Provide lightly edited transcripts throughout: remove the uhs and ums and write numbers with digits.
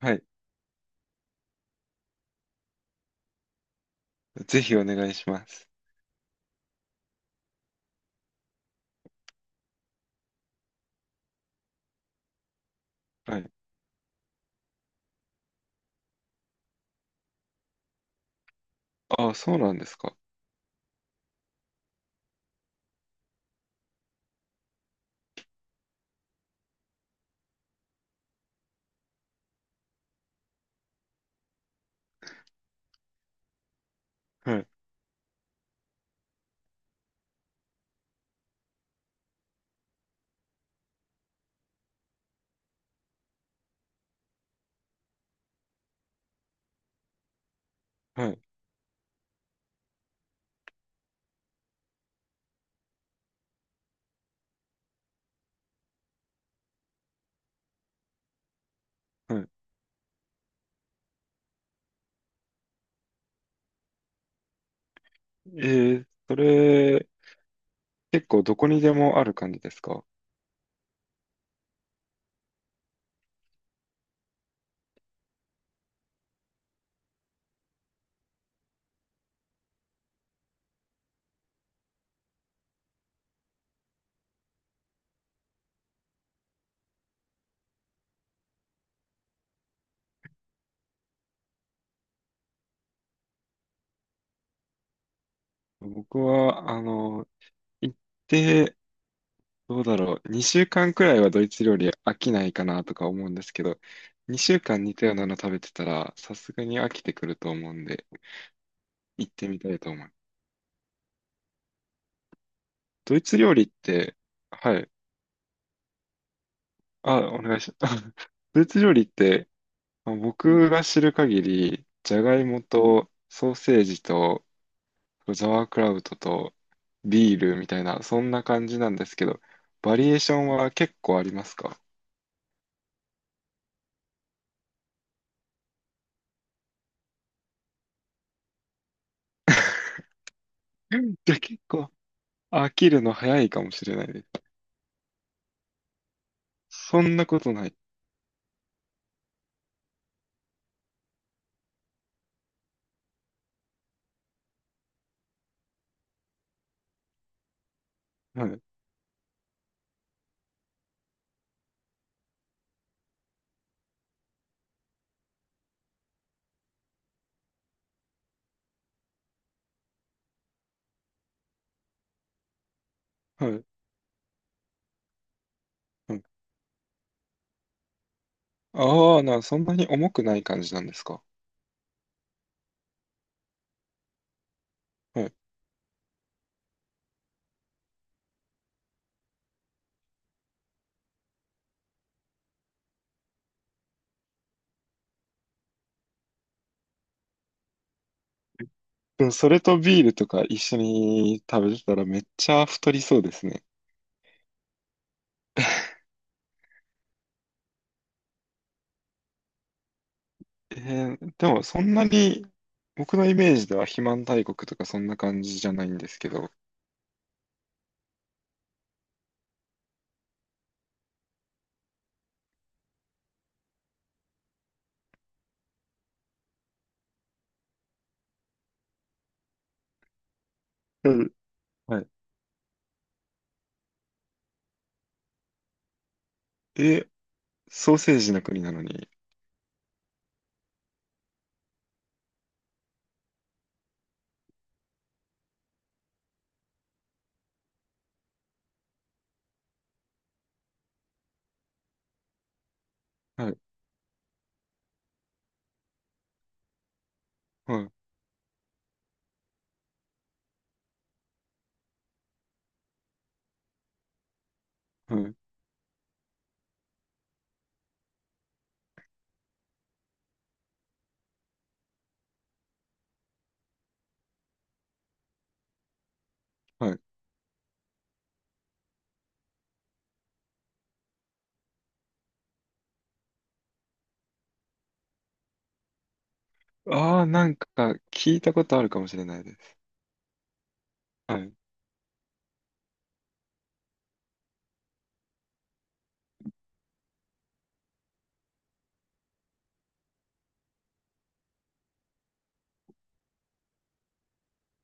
はい。ぜひお願いします。はい。あ、そうなんですか？はい。はい。はい。えー、それ、結構どこにでもある感じですか？僕は、行って、どうだろう。2週間くらいはドイツ料理飽きないかなとか思うんですけど、2週間似たようなの食べてたら、さすがに飽きてくると思うんで、行ってみたいと思う。ドイツ料理って、はい。あ、お願いします。ドイツ料理って、まあ僕が知る限り、じゃがいもとソーセージとザワークラウトとビールみたいな、そんな感じなんですけど、バリエーションは結構ありますか？うん。じゃあ結構飽きるの早いかもしれないです。そんなことない。はい。はい。はい。ああ、そんなに重くない感じなんですか？はい。でも、それとビールとか一緒に食べてたらめっちゃ太りそうですね。えー、でも、そんなに、僕のイメージでは肥満大国とかそんな感じじゃないんですけど。うん。はい。え、ソーセージの国なのに。はい。はい。はい。はい。ああ、なんか聞いたことあるかもしれないです。はい。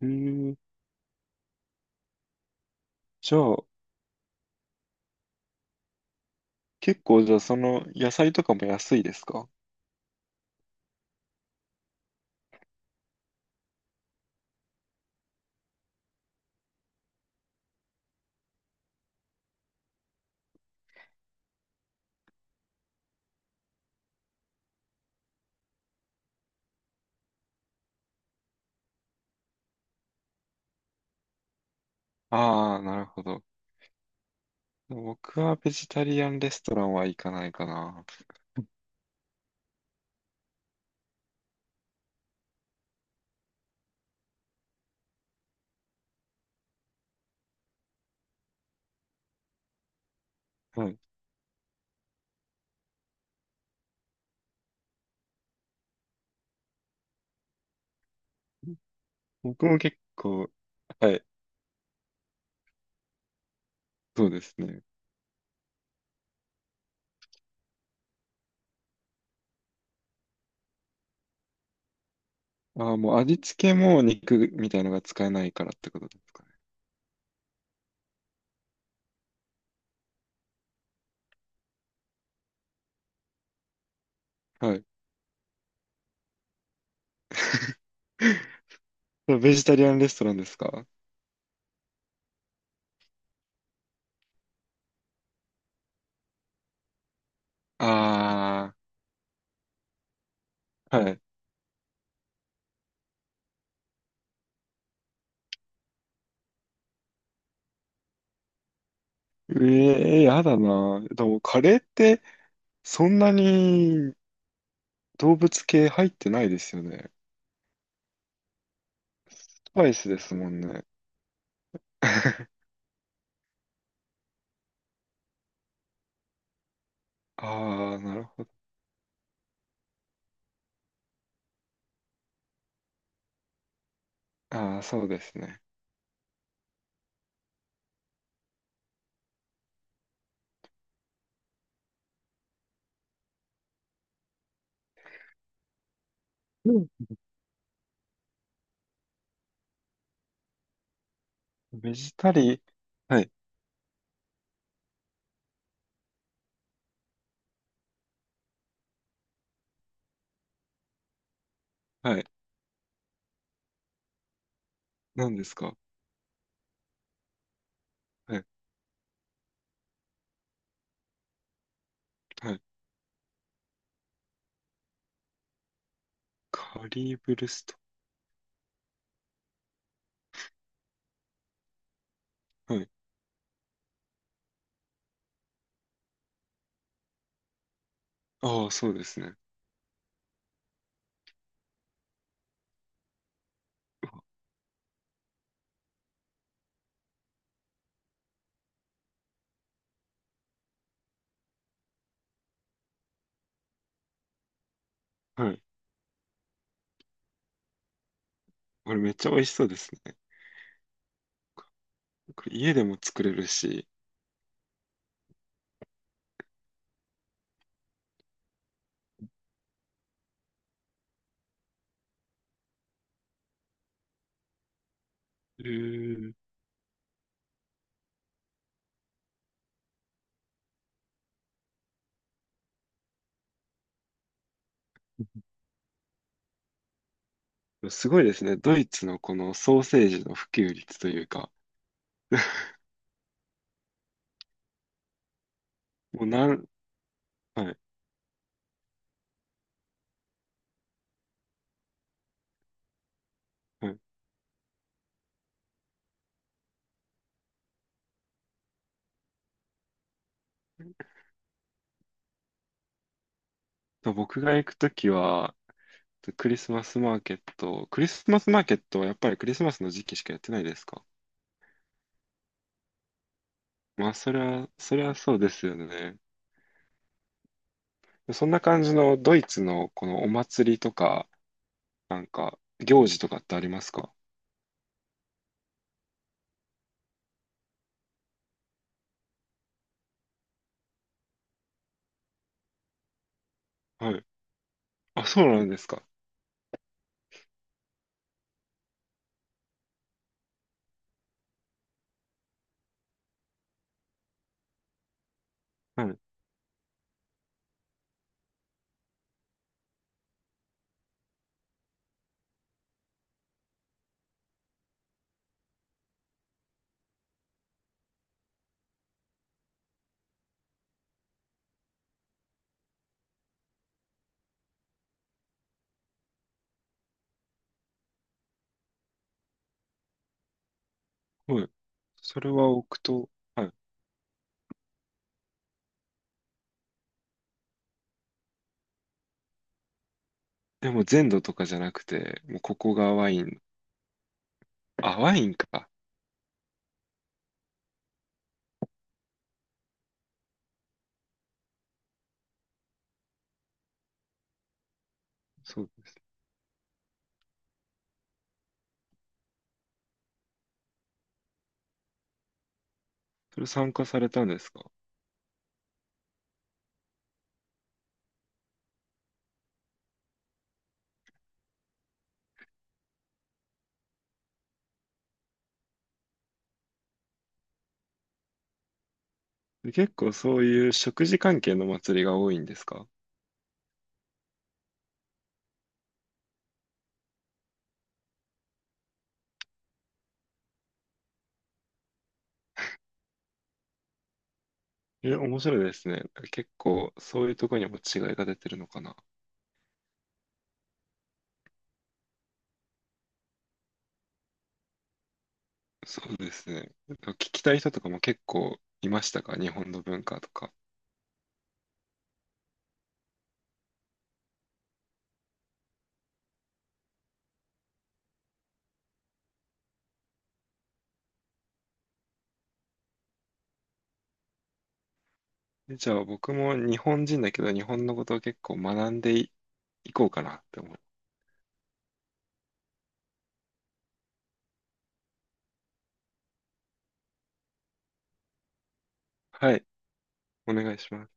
えー、じゃあ、結構じゃあその野菜とかも安いですか？ああ、なるほど。僕はベジタリアンレストランは行かないかな。はい。僕も結構、はい、そうですね。ああ、もう味付けも肉みたいのが使えないからってことですかね？はい。ベジタリアンレストランですか？ああー、はい。ええやだな。でも、カレーって、そんなに動物系入ってないですよね。スパイスですもんね。ああ、なるほど。ああ、そうですね。うん。ベジタリー、はい、はい。何ですか？はい、はい。カリーブルスト。はい。ああ、そうですね。はい。これめっちゃ美味しそうですね。これ家でも作れるし。えー、すごいですね。ドイツのこのソーセージの普及率というか。もうなん、はい、はい。と僕が行くときは、クリスマスマーケット、クリスマスマーケットはやっぱりクリスマスの時期しかやってないですか？まあ、それは、それはそうですよね。そんな感じのドイツのこのお祭りとか、なんか行事とかってありますか？はい。あ、そうなんですか？はい。はい。それは置くと、はい。でも全土とかじゃなくて、もうここがワイン。あ、ワインか。そうです。それ参加されたんですか？で結構そういう食事関係の祭りが多いんですか？え、面白いですね。結構そういうとこにも違いが出てるのかな。そうですね。聞きたい人とかも結構いましたか？日本の文化とか。え、じゃあ僕も日本人だけど日本のことを結構学んでいこうかなって思う。はい、お願いします。